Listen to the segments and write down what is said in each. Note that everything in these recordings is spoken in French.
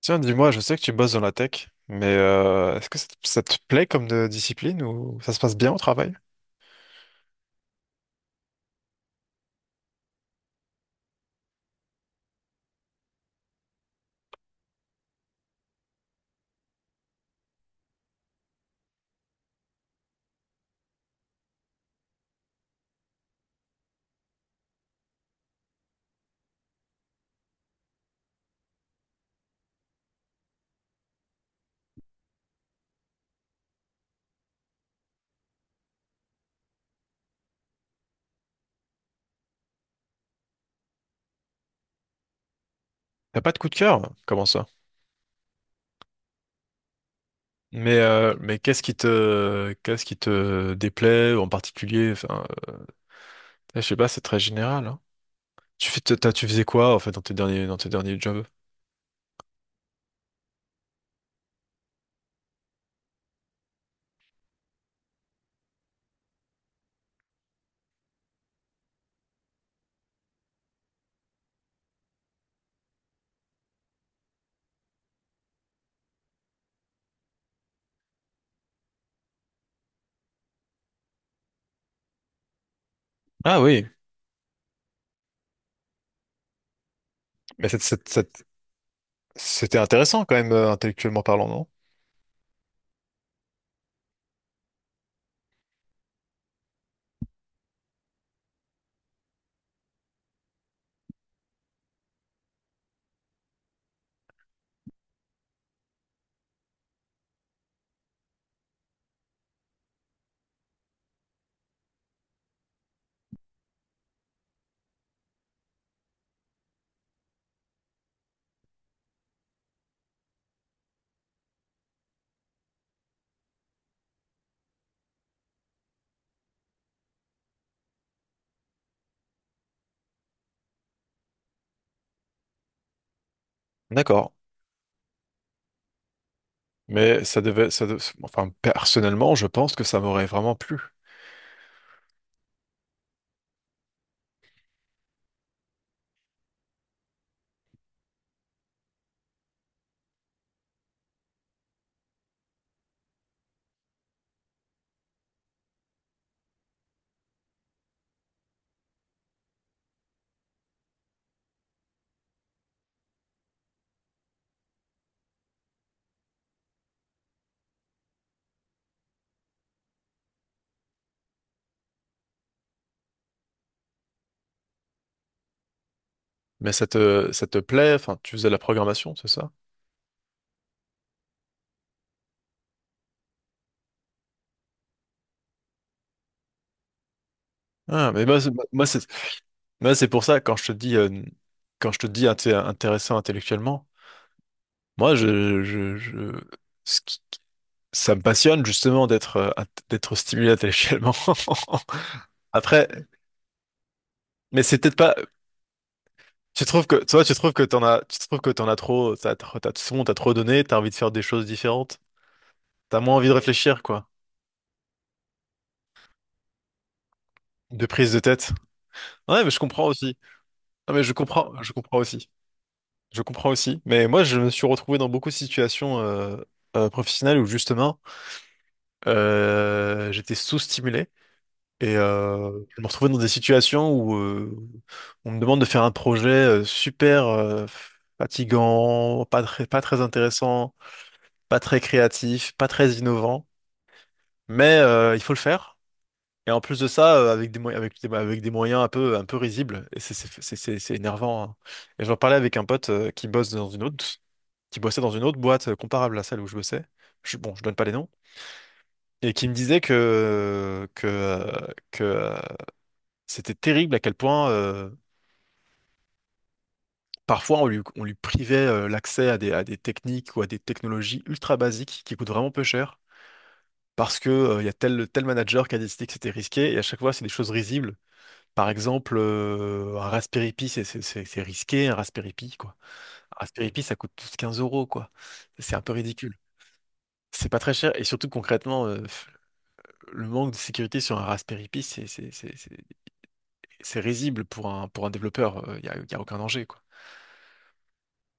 Tiens, dis-moi, je sais que tu bosses dans la tech, mais est-ce que ça te plaît comme discipline ou ça se passe bien au travail? T'as pas de coup de cœur? Comment ça? Mais qu'est-ce qui te déplaît en particulier? Enfin, je sais pas, c'est très général, hein. Tu fais, tu faisais quoi en fait dans tes derniers jobs? Ah oui, mais c'était intéressant quand même, intellectuellement parlant, non? D'accord. Mais ça devait, enfin, personnellement, je pense que ça m'aurait vraiment plu. Mais ça te plaît, enfin, tu faisais de la programmation, c'est ça? Ah, mais moi, c'est pour ça, quand je te dis, intéressant intellectuellement, moi, je, ce qui- ça me passionne, justement, d'être, d'être stimulé intellectuellement. Après, mais c'est peut-être pas. Tu trouves que, toi, tu trouves que t'en as trop, c'est bon, t'as trop donné, t'as envie de faire des choses différentes. T'as moins envie de réfléchir, quoi. De prise de tête. Ouais, mais je comprends aussi. Non, mais je comprends aussi. Je comprends aussi. Mais moi, je me suis retrouvé dans beaucoup de situations, professionnelles où justement, j'étais sous-stimulé. Et je me retrouvais dans des situations où on me demande de faire un projet super fatigant, pas très, pas très intéressant, pas très créatif, pas très innovant. Mais il faut le faire. Et en plus de ça, avec des, avec des moyens un peu risibles, et c'est énervant, hein. Et j'en parlais avec un pote qui bossait dans une autre boîte comparable à celle où je bossais. Bon, je donne pas les noms. Et qui me disait que c'était terrible à quel point parfois on lui privait l'accès à des, techniques ou à des technologies ultra basiques qui coûtent vraiment peu cher, parce que il y a tel manager qui a décidé que c'était risqué et à chaque fois c'est des choses risibles. Par exemple, un Raspberry Pi, c'est risqué, un Raspberry Pi, quoi. Un Raspberry Pi, ça coûte tous 15 euros, quoi. C'est un peu ridicule. C'est pas très cher, et surtout concrètement, le manque de sécurité sur un Raspberry Pi, c'est risible pour un, développeur. Il n'y a, y a aucun danger, quoi.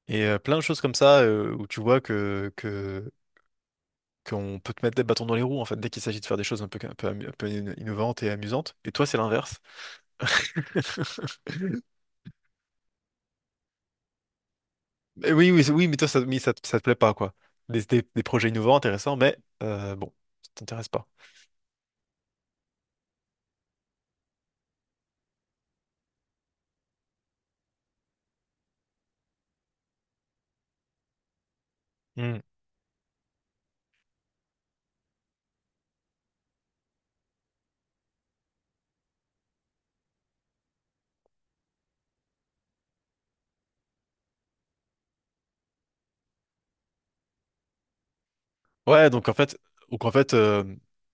Et plein de choses comme ça, où tu vois qu'on peut te mettre des bâtons dans les roues, en fait, dès qu'il s'agit de faire des choses un peu, un peu, un peu innovantes et amusantes. Et toi, c'est l'inverse. Mais oui, oui, oui, mais toi, ça, ça te plaît pas, quoi. Des, des projets innovants, intéressants, mais bon, ça t'intéresse pas. Hmm. Ouais, donc en fait, donc en fait, euh,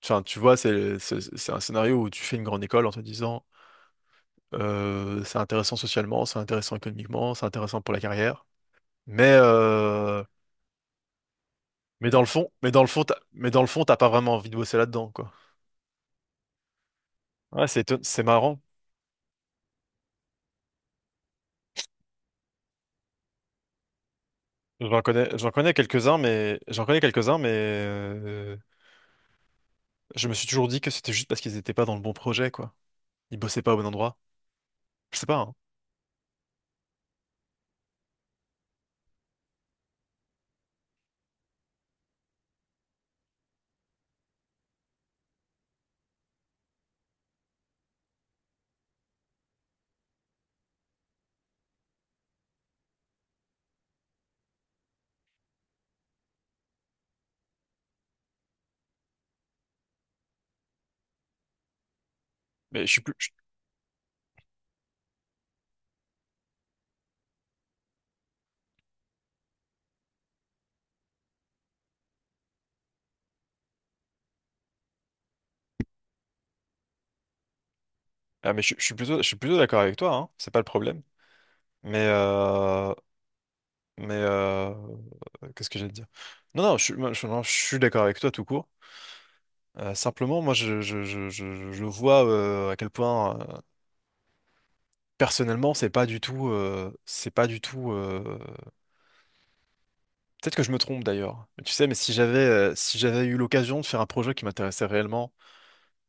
enfin, tu vois, c'est un scénario où tu fais une grande école en te disant, c'est intéressant socialement, c'est intéressant économiquement, c'est intéressant pour la carrière, mais euh, mais dans le fond, mais dans le fond, t'as- mais dans le fond, t'as pas vraiment envie de bosser là-dedans, quoi. Ouais, c'est marrant. J'en connais quelques-uns, mais je me suis toujours dit que c'était juste parce qu'ils étaient pas dans le bon projet, quoi. Ils bossaient pas au bon endroit. Je sais pas, hein. Mais je suis plus, je- Ah, mais je, je suis plutôt d'accord avec toi, hein. C'est pas le problème. Mais, mais euh, qu'est-ce que j'allais te dire? Non, non, je, suis- moi, je, non, je suis d'accord avec toi tout court. Simplement, moi, je vois à quel point, personnellement, c'est pas du tout, c'est pas du tout. Peut-être que je me trompe d'ailleurs. Mais tu sais, mais si j'avais, si j'avais eu l'occasion de faire un projet qui m'intéressait réellement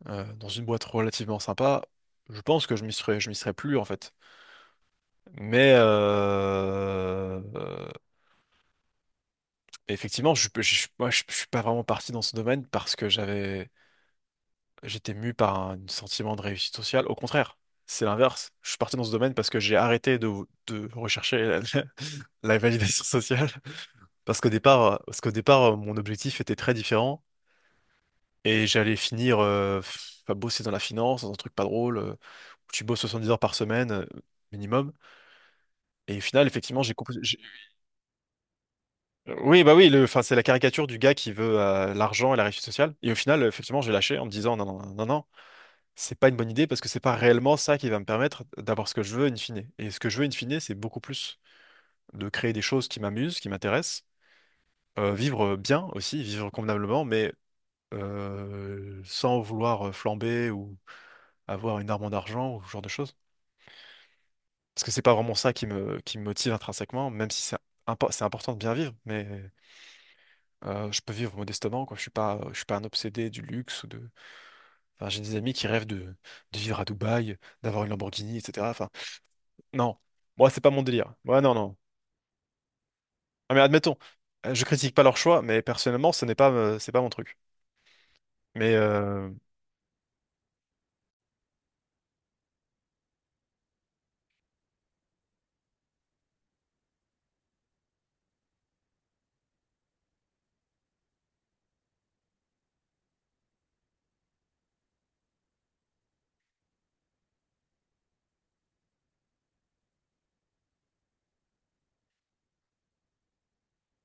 dans une boîte relativement sympa, je pense que je m'y serais plus en fait. Mais effectivement, je suis pas vraiment parti dans ce domaine parce que j'avais, j'étais mu par un sentiment de réussite sociale. Au contraire, c'est l'inverse. Je suis parti dans ce domaine parce que j'ai arrêté de, rechercher la, la validation sociale. Parce qu'au départ, mon objectif était très différent et j'allais finir à bosser dans la finance, dans un truc pas drôle, où tu bosses 70 heures par semaine minimum. Et au final, effectivement, j'ai compris. Oui, bah oui, le, enfin, c'est la caricature du gars qui veut l'argent et la réussite sociale. Et au final, effectivement, j'ai lâché en me disant non, non, non, non, non, c'est pas une bonne idée parce que c'est pas réellement ça qui va me permettre d'avoir ce que je veux in fine. Et ce que je veux in fine, c'est beaucoup plus de créer des choses qui m'amusent, qui m'intéressent, vivre bien aussi, vivre convenablement, mais sans vouloir flamber ou avoir une arme en argent ou ce genre de choses. Parce que c'est pas vraiment ça qui me motive intrinsèquement, même si c'est important de bien vivre. Mais. Je peux vivre modestement, quoi. Je suis pas un obsédé du luxe. Ou de. Enfin, j'ai des amis qui rêvent de, vivre à Dubaï, d'avoir une Lamborghini, etc. Enfin, non, moi c'est pas mon délire. Ouais, non, non. Ah, mais admettons, je critique pas leur choix, mais personnellement, ce n'est pas, c'est pas mon truc. Mais euh,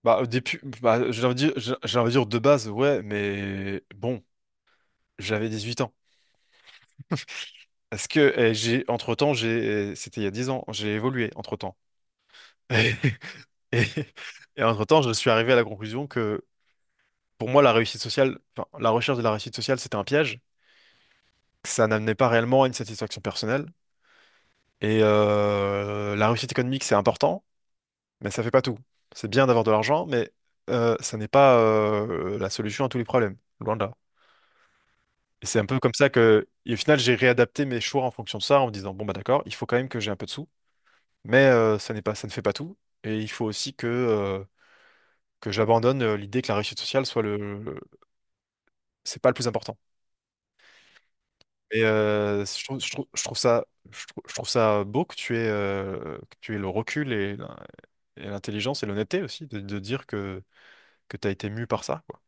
bah, depuis, bah, j'ai envie de dire, j'ai envie de dire de base, ouais, mais bon, j'avais 18 ans. Est-ce que j'ai, entre-temps, j'ai, eh, c'était il y a 10 ans, j'ai évolué entre-temps. Et, entre-temps, je suis arrivé à la conclusion que pour moi, la réussite sociale, enfin, la recherche de la réussite sociale, c'était un piège. Ça n'amenait pas réellement à une satisfaction personnelle. Et la réussite économique, c'est important, mais ça fait pas tout. C'est bien d'avoir de l'argent, mais ça n'est pas la solution à tous les problèmes, loin de là. Et c'est un peu comme ça que, et au final, j'ai réadapté mes choix en fonction de ça, en me disant, bon, bah d'accord, il faut quand même que j'ai un peu de sous, mais ça n'est pas, ça ne fait pas tout. Et il faut aussi que, que j'abandonne l'idée que la réussite sociale soit le, le- c'est pas le plus important. Mais je trouve, je trouve, je trouve ça beau que tu aies le recul et, et l'intelligence et l'honnêteté aussi de, dire que tu as été mu par ça, quoi.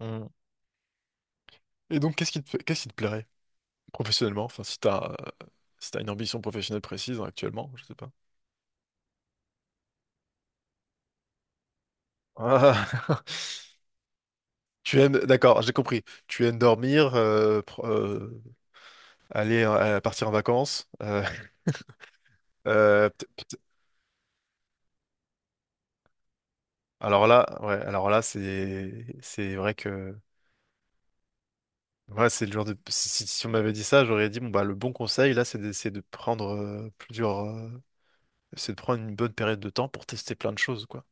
Mm. Et donc, qu'est-ce qui te plairait professionnellement? Enfin, si tu as, si t'as une ambition professionnelle précise hein, actuellement, je sais pas. Ah, tu aimes, d'accord, j'ai compris. Tu aimes dormir, pro- Aller partir en vacances. Euh, peut- peut- alors là, ouais, alors là, c'est vrai que ouais, c'est le genre de si on m'avait dit ça, j'aurais dit bon bah le bon conseil là, c'est de prendre une bonne période de temps pour tester plein de choses, quoi.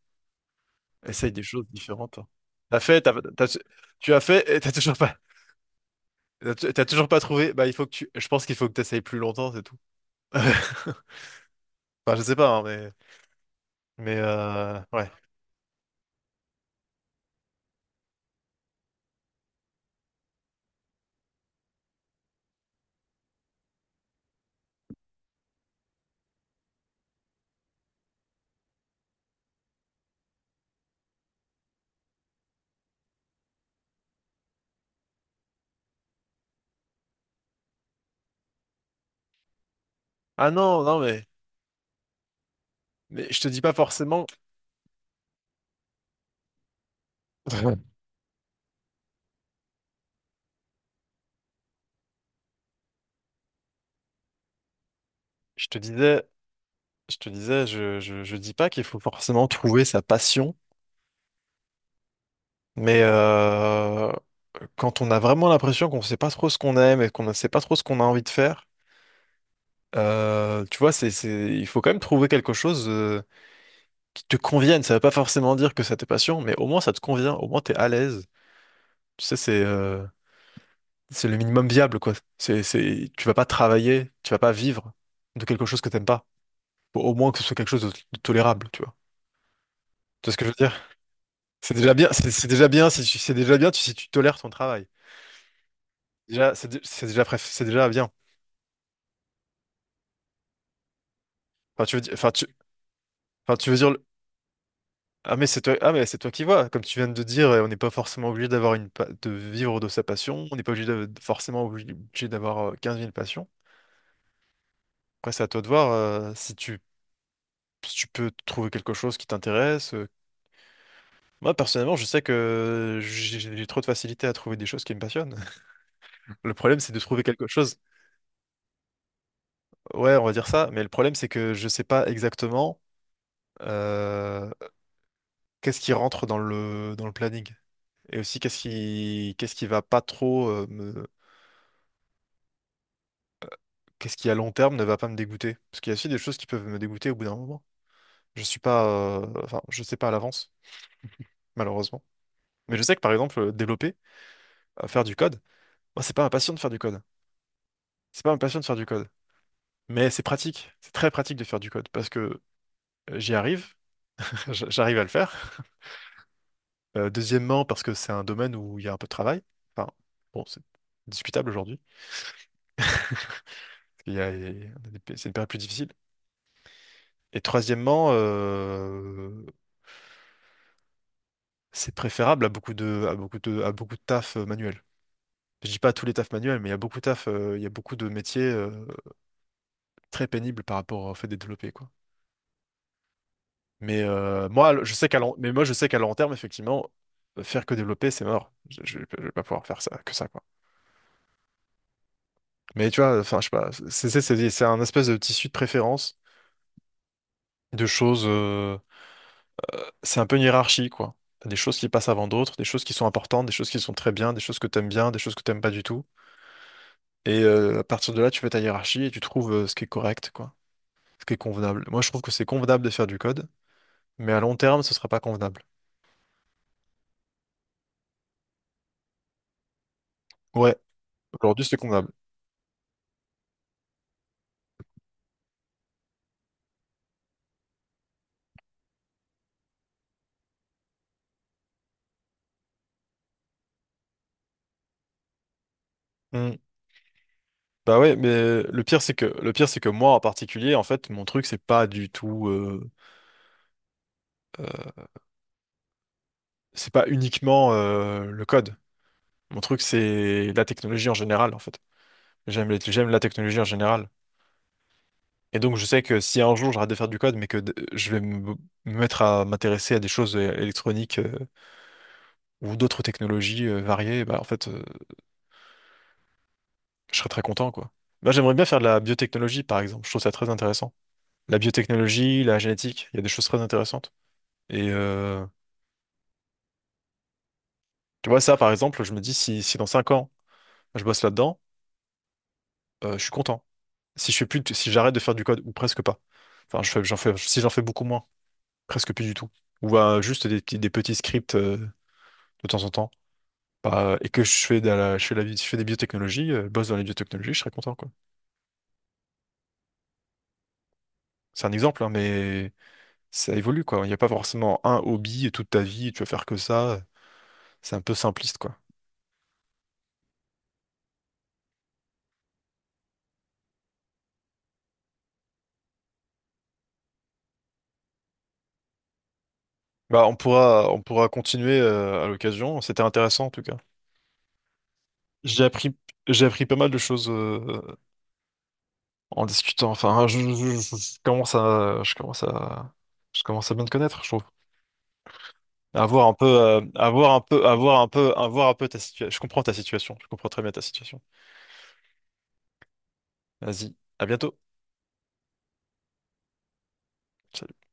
Essaye des choses différentes, hein. T'as fait, t'as, t'as- Tu as fait et t'as toujours pas trouvé. Bah il faut que tu, je pense qu'il faut que t'essayes plus longtemps, c'est tout. Enfin je sais pas, hein, mais ouais. Ah non non mais je te dis pas forcément. Je te disais, je dis pas qu'il faut forcément trouver sa passion, mais quand on a vraiment l'impression qu'on sait pas trop ce qu'on aime et qu'on ne sait pas trop ce qu'on a envie de faire, tu vois, il faut quand même trouver quelque chose qui te convienne. Ça veut pas forcément dire que c'est ta passion, mais au moins ça te convient, au moins t'es à l'aise. Tu sais, c'est le minimum viable, quoi. Tu vas pas travailler, tu vas pas vivre de quelque chose que t'aimes pas. Faut au moins que ce soit quelque chose de tolérable, tu vois. Tu vois ce que je veux dire? C'est déjà bien, c'est déjà bien si tu, c'est déjà bien si tu tolères ton travail. Déjà, c'est c'est déjà bien. Enfin, tu veux dire, enfin, tu, Tu veux dire, ah mais c'est toi, ah mais c'est toi qui vois. Comme tu viens de dire, on n'est pas forcément obligé de vivre de sa passion. On n'est pas obligé forcément obligé d'avoir 15 000 passions. Après, c'est à toi de voir si tu, si tu peux trouver quelque chose qui t'intéresse. Moi, personnellement, je sais que j'ai trop de facilité à trouver des choses qui me passionnent. Le problème, c'est de trouver quelque chose. Ouais, on va dire ça, mais le problème, c'est que je sais pas exactement. euh, Qu'est-ce qui rentre dans le planning? Et aussi, qu'est-ce qui va pas trop qu'est-ce qui à long terme ne va pas me dégoûter? Parce qu'il y a aussi des choses qui peuvent me dégoûter au bout d'un moment. Je suis pas, je sais pas à l'avance, malheureusement. Mais je sais que par exemple, développer, faire du code, moi, c'est pas ma passion de faire du code. C'est pas ma passion de faire du code. Mais c'est pratique. C'est très pratique de faire du code parce que j'y arrive, j'arrive à le faire. Deuxièmement, parce que c'est un domaine où il y a un peu de travail. Enfin, bon, c'est discutable aujourd'hui. Il y a- des C'est une période plus difficile. Et troisièmement, c'est préférable à beaucoup de taf manuel. Je dis pas à tous les tafs manuels, mais il y a beaucoup de taf, il y a beaucoup de métiers très pénibles par rapport au fait de développer, quoi. Mais moi, je sais qu'à long terme, effectivement, faire que développer, c'est mort. Je vais pas pouvoir faire que ça, quoi. Mais tu vois, enfin, je sais pas. C'est un espèce de tissu de préférence, de choses. C'est un peu une hiérarchie, quoi. T'as des choses qui passent avant d'autres, des choses qui sont importantes, des choses qui sont très bien, des choses que t'aimes bien, des choses que t'aimes pas du tout. Et à partir de là, tu fais ta hiérarchie et tu trouves ce qui est correct, quoi. Ce qui est convenable. Moi, je trouve que c'est convenable de faire du code, mais à long terme, ce sera pas convenable. Ouais, aujourd'hui, c'est convenable. Hmm. Bah ouais, mais le pire c'est que moi en particulier, en fait, mon truc c'est pas du tout, euh, c'est pas uniquement le code. Mon truc c'est la technologie en général, en fait. J'aime la technologie en général. Et donc je sais que si un jour j'arrête de faire du code, mais que me mettre à m'intéresser à des choses électroniques ou d'autres technologies variées, bah en fait, je serais très content quoi. Moi j'aimerais bien faire de la biotechnologie par exemple. Je trouve ça très intéressant. La biotechnologie, la génétique, il y a des choses très intéressantes. Et tu vois, ça, par exemple, je me dis si dans 5 ans, je bosse là-dedans, je suis content. Si je fais plus, si j'arrête de faire du code, ou presque pas. Enfin, je fais, j'en fais, si j'en fais beaucoup moins, presque plus du tout. Ou juste des petits scripts de temps en temps. Bah, et que je fais, de la, je fais, la bi- je fais des biotechnologies, je bosse dans les biotechnologies, je serais content, quoi. C'est un exemple, hein, mais ça évolue, quoi. Il n'y a pas forcément un hobby et toute ta vie, tu vas faire que ça. C'est un peu simpliste, quoi. Bah, on pourra continuer à l'occasion. C'était intéressant en tout cas. J'ai appris, j'ai appris pas mal de choses en discutant. Enfin, je commence à, je commence à, je commence à bien te connaître, je trouve. À voir un peu, à voir un peu, à voir un peu, À voir un peu ta situation. Je comprends ta situation. Je comprends très bien ta situation. Vas-y, à bientôt. Ciao.